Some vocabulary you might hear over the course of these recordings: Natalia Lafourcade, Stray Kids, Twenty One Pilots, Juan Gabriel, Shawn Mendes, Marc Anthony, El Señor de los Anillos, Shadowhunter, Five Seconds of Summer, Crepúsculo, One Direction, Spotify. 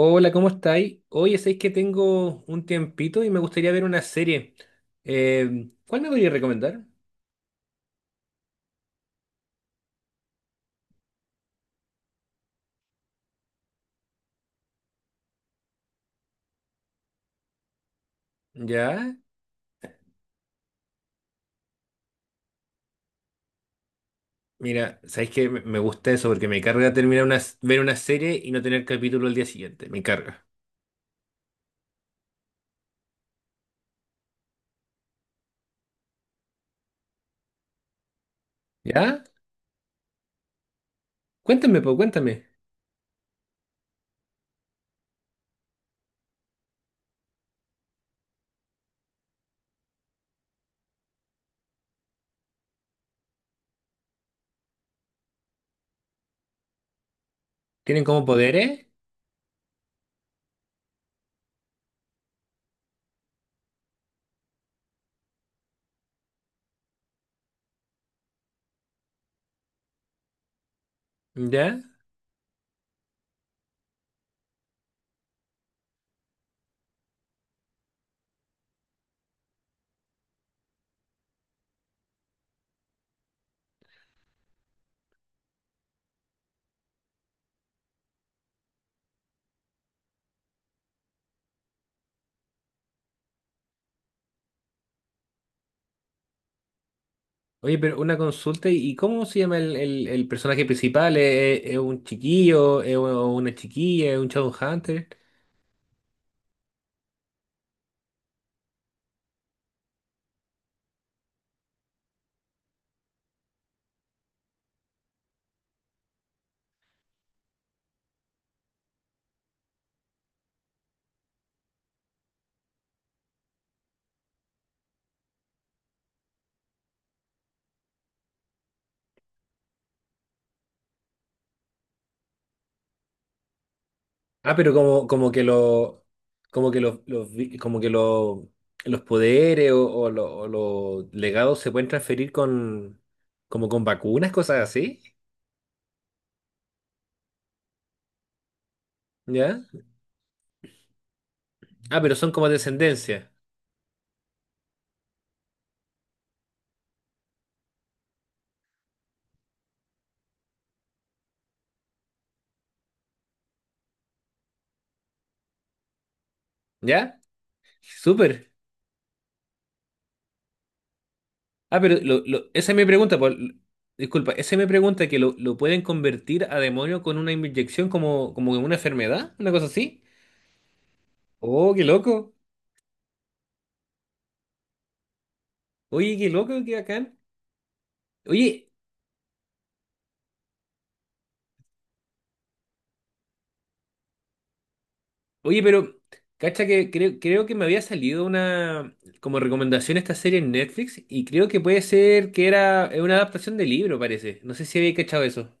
Hola, ¿cómo estáis? Oye, sabéis que tengo un tiempito y me gustaría ver una serie. ¿Cuál me podrías recomendar? Ya, mira, sabéis que me gusta eso porque me carga terminar una, ver una serie y no tener capítulo al día siguiente. Me carga. ¿Ya? Cuéntame, pues, cuéntame. ¿Tienen como poderes? ¿Ya? Oye, pero una consulta, ¿y cómo se llama el personaje principal? ¿Es, es un chiquillo? ¿Una chiquilla? ¿Es un Hunter? Ah, pero como, como que como que los poderes o, o los legados se pueden transferir con, como con vacunas, cosas así, ¿ya? Ah, pero son como descendencia, ¿ya? Súper. Ah, pero esa es mi pregunta, pues, disculpa, esa es mi pregunta, que lo pueden convertir a demonio con una inyección como, como en una enfermedad, una cosa así. Oh, qué loco. Oye, qué loco, qué bacán. Oye, Oye, cacha que creo, creo que me había salido una como recomendación esta serie en Netflix y creo que puede ser que era una adaptación de libro, parece. No sé si había cachado eso.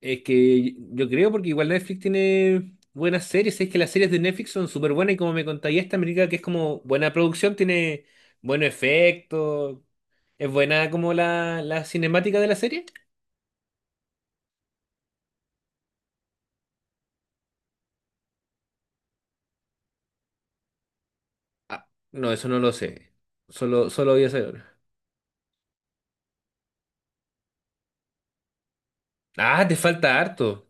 Es que yo creo porque igual Netflix tiene buenas series, es que las series de Netflix son súper buenas y como me contaría esta América que es como buena producción, tiene buenos efectos, es buena como la cinemática de la serie. Ah, no, eso no lo sé. Solo, solo voy a saber. Ah, te falta harto.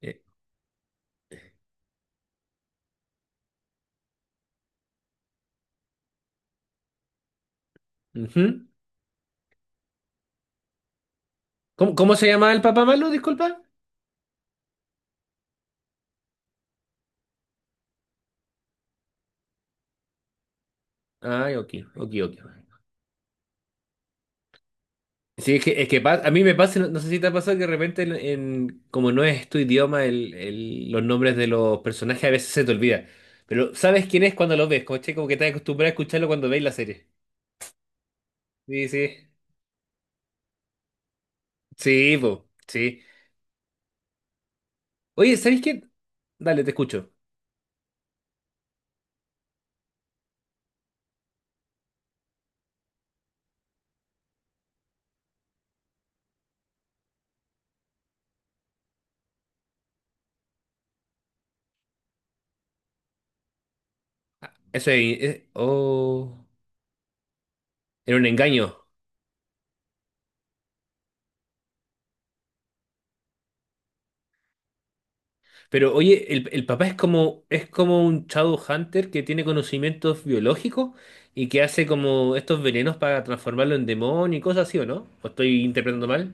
Eh, ujú. ¿Cómo, cómo se llama el papá malo? Disculpa. Ay, ok, ok, ok. Sí, es que, a mí me pasa, no, no sé si te ha pasado que de repente, en, como no es tu idioma, los nombres de los personajes a veces se te olvida. Pero sabes quién es cuando lo ves, como, che, como que estás acostumbrado a escucharlo cuando veis la serie. Sí, sí. Sí, po, sí. Oye, ¿sabes qué? Dale, te escucho. Ah, eso es, oh, era un engaño. Pero oye, el papá es como un Shadowhunter que tiene conocimientos biológicos y que hace como estos venenos para transformarlo en demonio y cosas así, ¿o no? ¿O estoy interpretando mal?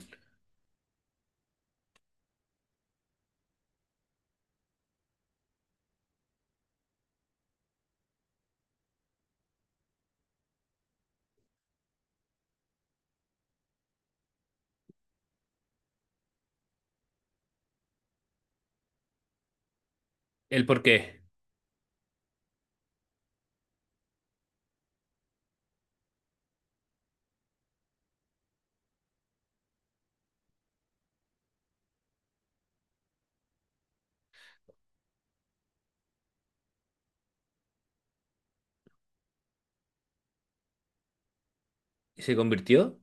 ¿El por qué? ¿Y se convirtió?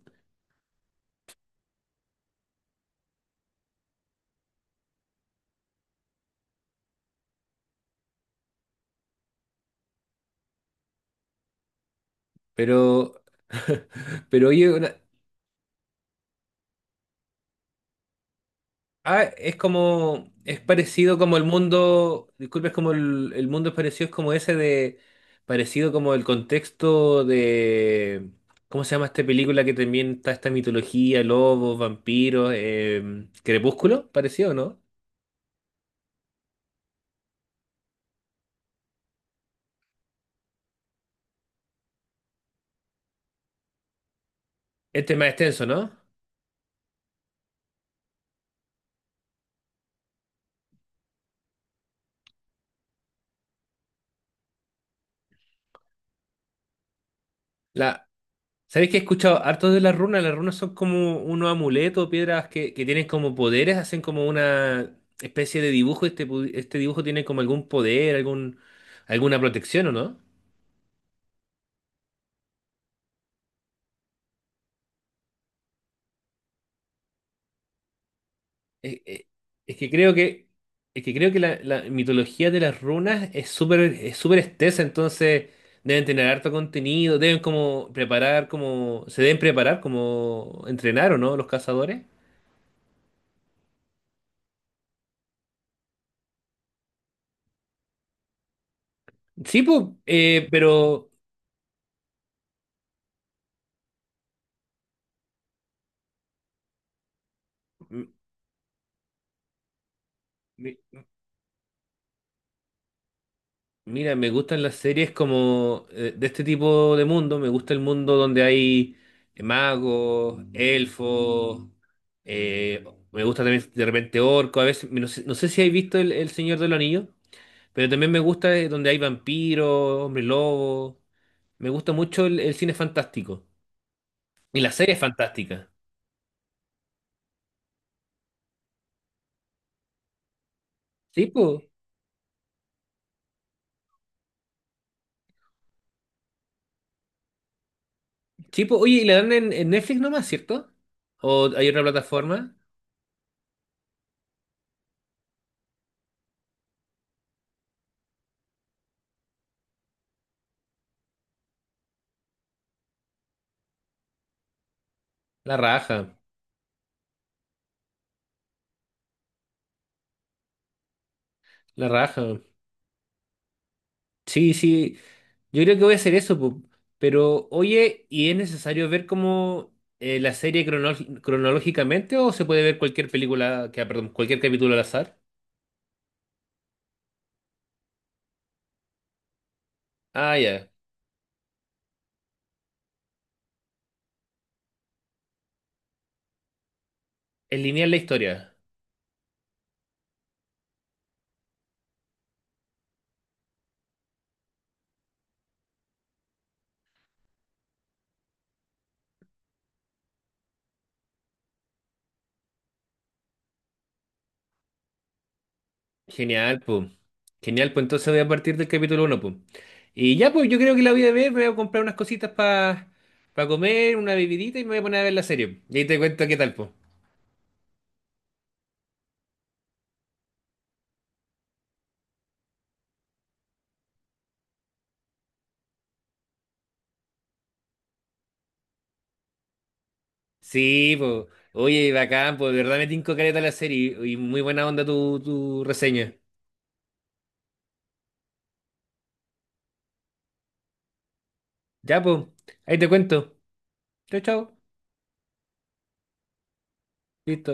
Pero, pero oye, una- Ah, es como, es parecido como el mundo, disculpe, es como el mundo es parecido, es como ese de, parecido como el contexto de, ¿cómo se llama esta película que también está esta mitología, lobos, vampiros, Crepúsculo? Parecido, ¿no? Este es más extenso, ¿no? La, ¿sabéis que he escuchado harto de las runas? Las runas son como unos amuletos, piedras que tienen como poderes, hacen como una especie de dibujo, este, este dibujo tiene como algún poder, algún, alguna protección, ¿o no? eh, eh, es que creo que, es que creo que la mitología de las runas es súper extensa, entonces deben tener harto contenido, deben como preparar, como, se deben preparar como entrenar o no los cazadores. Sí, pues, pero m- mi- mira, me gustan las series como de este tipo de mundo. Me gusta el mundo donde hay magos, elfos. eh, Me gusta también de repente orco. A veces, no sé, no sé si habéis visto El Señor de los Anillos. Pero también me gusta donde hay vampiros, hombres lobos. Me gusta mucho el cine fantástico. Y las series fantásticas. Sí, pues. Sí, po. Oye, ¿y la dan en Netflix nomás, cierto? ¿O hay otra plataforma? La raja. La raja. Sí, sí. Yo creo que voy a hacer eso, po. Pero, oye, ¿y es necesario ver como la serie cronológicamente o se puede ver cualquier película, que, ah, perdón, cualquier capítulo al azar? Ah, ya. Es lineal la historia. Genial, pues. Genial, pues entonces voy a partir del capítulo uno, pues. Y ya, pues yo creo que la voy a ver, voy a comprar unas cositas para comer, una bebidita y me voy a poner a ver la serie. Y ahí te cuento qué tal, pues. Sí, pues. Oye, bacán, pues de verdad me tinco caleta la serie y muy buena onda tu reseña. Ya, pues. Ahí te cuento. Chao, chao. Listo.